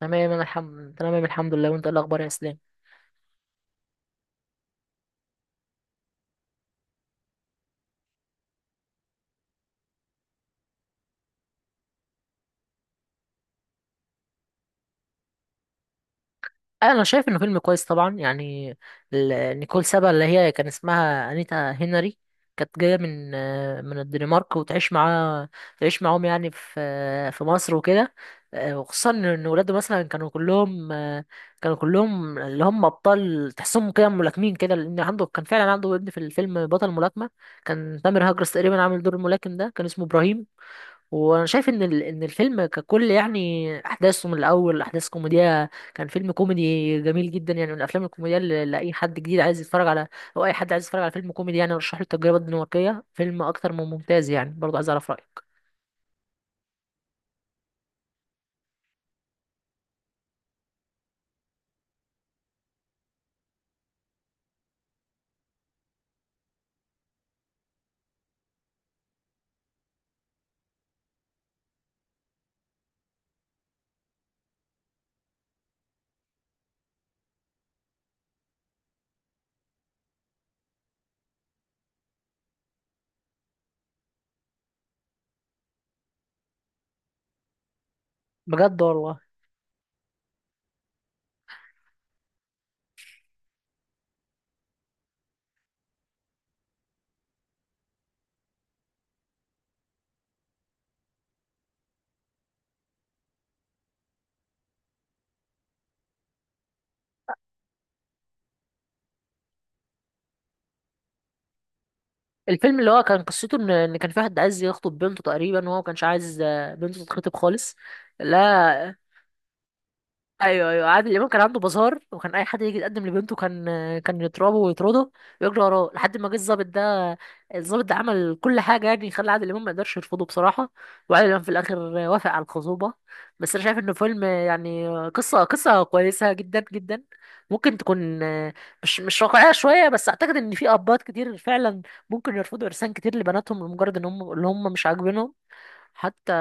تمام، انا الحمد لله. وانت إيه الاخبار يا اسلام؟ انا شايف انه فيلم كويس طبعا، يعني نيكول سابا اللي هي كان اسمها انيتا هنري كانت جايه من الدنمارك وتعيش معاه، تعيش معاهم يعني في مصر وكده. وخصوصا ان ولاده مثلا كانوا كلهم اللي هم ابطال، تحسهم كده ملاكمين كده، لان عنده كان فعلا عنده ابن في الفيلم بطل ملاكمه. كان تامر هجرس تقريبا عامل دور الملاكم ده، كان اسمه ابراهيم. وانا شايف ان الفيلم ككل يعني احداثه من الاول احداث كوميديه، كان فيلم كوميدي جميل جدا، يعني من الافلام الكوميديه اللي اي حد جديد عايز يتفرج على، او اي حد عايز يتفرج على فيلم كوميدي يعني ارشح له التجربه الدنماركيه، فيلم اكتر من ممتاز يعني. برضه عايز اعرف رايك. بجد والله؟ الفيلم اللي هو كان قصته ان كان في واحد عايز يخطب بنته تقريبا، وهو ما كانش عايز بنته تتخطب خالص. لا. ايوه، ايوه، عادل امام كان عنده بازار، وكان اي حد يجي يتقدم لبنته كان يضربه ويطرده ويجري وراه لحد ما جه الظابط ده. الظابط ده عمل كل حاجه يعني، خلى عادل امام ما يقدرش يرفضه بصراحه. وعادل امام في الاخر وافق على الخصوبه. بس انا شايف انه فيلم يعني قصه كويسه جدا جدا، ممكن تكون مش واقعيه شويه، بس اعتقد ان في ابات كتير فعلا ممكن يرفضوا ارسال كتير لبناتهم، لمجرد ان هم اللي هم مش عاجبينهم حتى،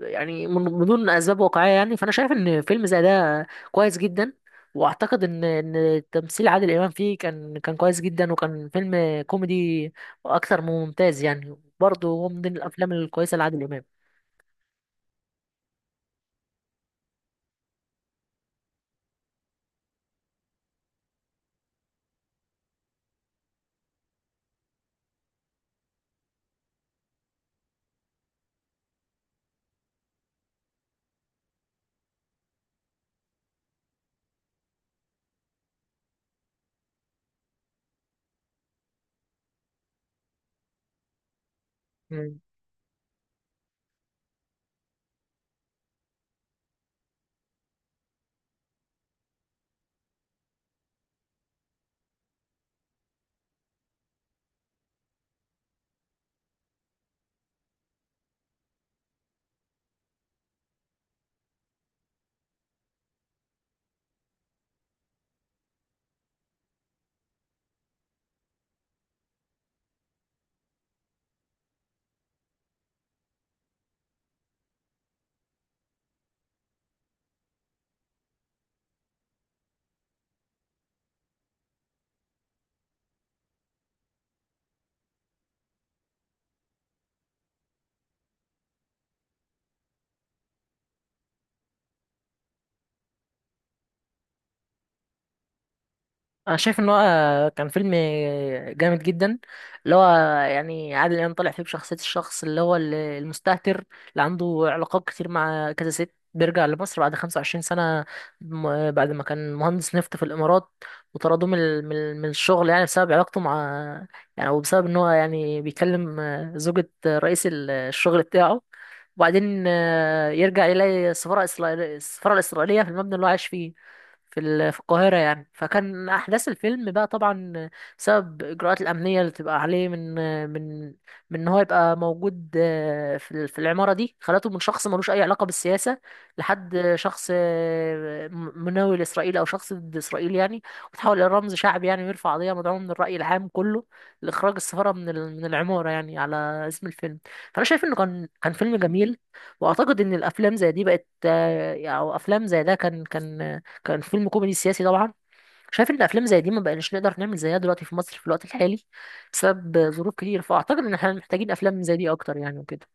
يعني من دون اسباب واقعيه يعني. فانا شايف ان فيلم زي ده كويس جدا، واعتقد ان تمثيل عادل امام فيه كان كويس جدا، وكان فيلم كوميدي اكثر من ممتاز يعني. برضه هو من ضمن الافلام الكويسه لعادل امام. انا شايف ان هو كان فيلم جامد جدا، اللي هو يعني عادل امام طالع فيه بشخصيه الشخص اللي هو المستهتر، اللي عنده علاقات كتير مع كذا ست. بيرجع لمصر بعد 25 سنه، م- بعد ما كان مهندس نفط في الامارات، وطردوه من الشغل يعني، بسبب علاقته مع، يعني وبسبب ان هو يعني بيكلم زوجة رئيس الشغل بتاعه. وبعدين يرجع يلاقي السفاره الاسرائيليه في المبنى اللي هو عايش فيه، في القاهرة يعني. فكان أحداث الفيلم بقى طبعا بسبب الإجراءات الأمنية اللي بتبقى عليه، من من إن هو يبقى موجود في العمارة دي، خلته من شخص ملوش أي علاقة بالسياسة لحد شخص مناوي لإسرائيل أو شخص ضد إسرائيل يعني، وتحول إلى رمز شعبي يعني، ويرفع قضية مدعوة من الرأي العام كله لإخراج السفارة من العمارة، يعني على اسم الفيلم. فأنا شايف إنه كان فيلم جميل. وأعتقد إن الأفلام زي دي بقت، أو أفلام زي ده كان فيلم كوميدي سياسي طبعا. شايف ان افلام زي دي ما بقناش نقدر نعمل زيها دلوقتي في مصر في الوقت الحالي بسبب ظروف كتير، فاعتقد ان احنا محتاجين افلام زي دي اكتر يعني وكده.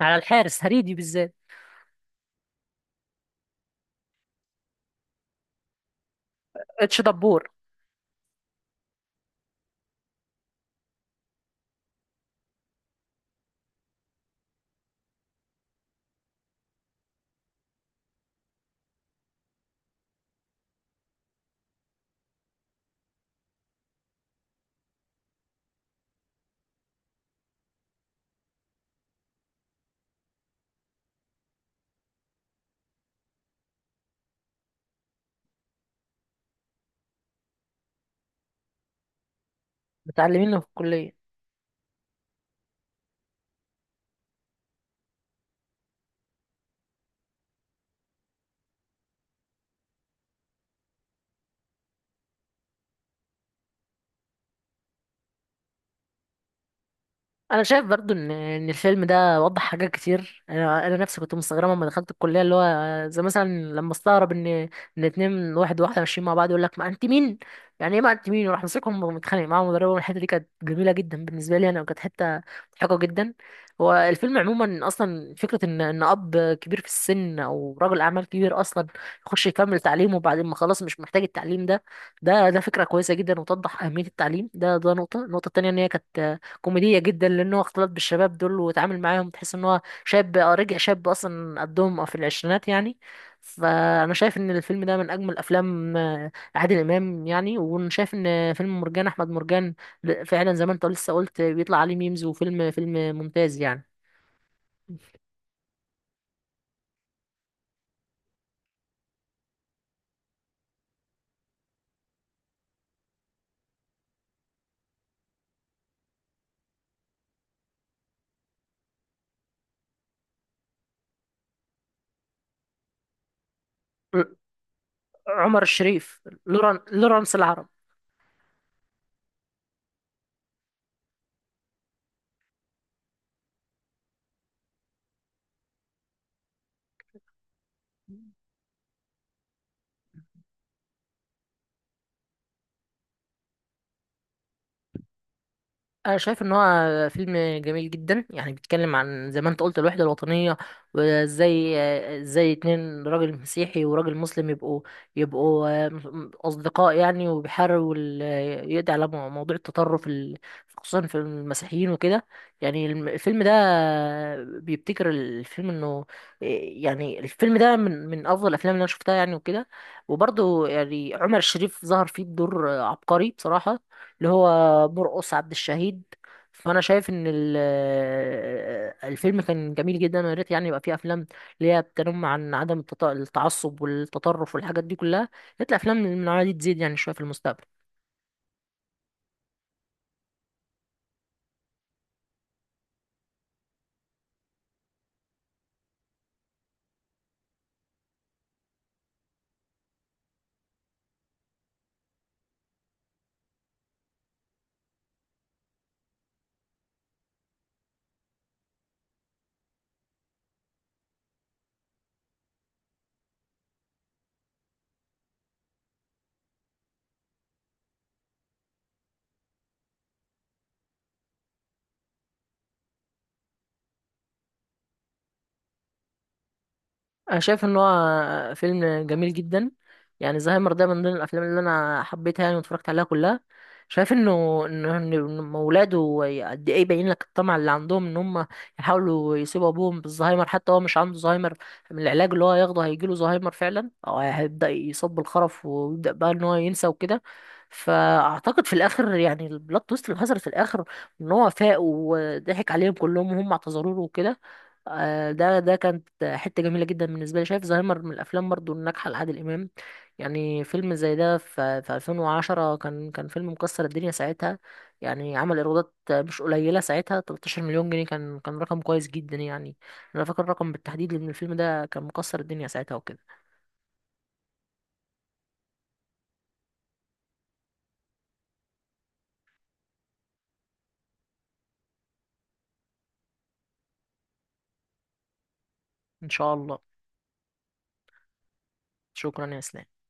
على الحارس هريدي بالذات. اتش دبور. متعلمينه في الكليه. انا شايف برضو ان الفيلم ده وضح حاجات كتير. انا نفسي كنت مستغربه لما دخلت الكليه، اللي هو زي مثلا لما استغرب ان اتنين، واحد وواحده ماشيين مع بعض، يقول لك ما انت مين، يعني ايه ما انت مين، وراح مسكهم ومتخانق معاهم مدربهم. الحته دي كانت جميله جدا بالنسبه لي انا، وكانت حته مضحكه جدا. هو الفيلم عموما اصلا فكره ان اب كبير في السن او رجل اعمال كبير اصلا يخش يكمل تعليمه، وبعدين ما خلاص مش محتاج التعليم ده. ده فكره كويسه جدا، وتوضح اهميه التعليم. ده نقطه. النقطه التانيه ان هي كانت كوميدية جدا، لأن هو اختلط بالشباب دول واتعامل معاهم، تحس إن هو شاب، رجع شاب أصلا قدهم في العشرينات يعني. فأنا شايف إن الفيلم ده من أجمل أفلام عادل إمام يعني. وأنا شايف إن فيلم مرجان أحمد مرجان فعلا زي ما أنت لسه قلت بيطلع عليه ميمز، وفيلم فيلم ممتاز يعني. ل- عمر الشريف، لوران لورانس العرب. أنا شايف إن هو فيلم جميل جدا، يعني بيتكلم عن زي ما أنت قلت الوحدة الوطنية، وإزاي، إزاي اتنين راجل مسيحي وراجل مسلم يبقوا أصدقاء يعني، وبيحاولوا يقضي على موضوع التطرف خصوصا في المسيحيين وكده. يعني الفيلم ده بيبتكر الفيلم إنه آه، يعني الفيلم ده من أفضل الأفلام اللي أنا شفتها يعني وكده. وبرضه يعني عمر الشريف ظهر فيه بدور عبقري بصراحة، اللي هو مرقص عبد الشهيد. فانا شايف ان الفيلم كان جميل جدا، ويا ريت يعني يبقى فيه افلام اللي هي بتنم عن عدم التعصب والتطرف والحاجات دي كلها. يا ريت الافلام من النوعيه دي تزيد يعني شويه في المستقبل. انا شايف ان هو فيلم جميل جدا، يعني زهايمر ده من ضمن الافلام اللي انا حبيتها يعني واتفرجت عليها كلها. شايف انه إن اولاده، قد ايه باين لك الطمع اللي عندهم، ان هم يحاولوا يسيبوا ابوهم بالزهايمر، حتى هو مش عنده زهايمر. من العلاج اللي هو هياخده هيجيله زهايمر فعلا، او هيبدا يصاب بالخرف ويبدا بقى ان هو ينسى وكده. فاعتقد في الاخر يعني البلوت تويست اللي حصلت في الاخر، ان هو فاق وضحك عليهم كلهم، وهم اعتذروا له وكده. ده كانت حتة جميلة جدا بالنسبة لي. شايف زهايمر من الأفلام برضو الناجحة لعادل إمام. يعني فيلم زي ده في 2010 كان فيلم مكسر الدنيا ساعتها، يعني عمل إيرادات مش قليلة ساعتها، 13 مليون جنيه، كان رقم كويس جدا يعني. أنا فاكر الرقم بالتحديد، لأن الفيلم ده كان مكسر الدنيا ساعتها وكده. إن شاء الله. شكرا يا إسلام.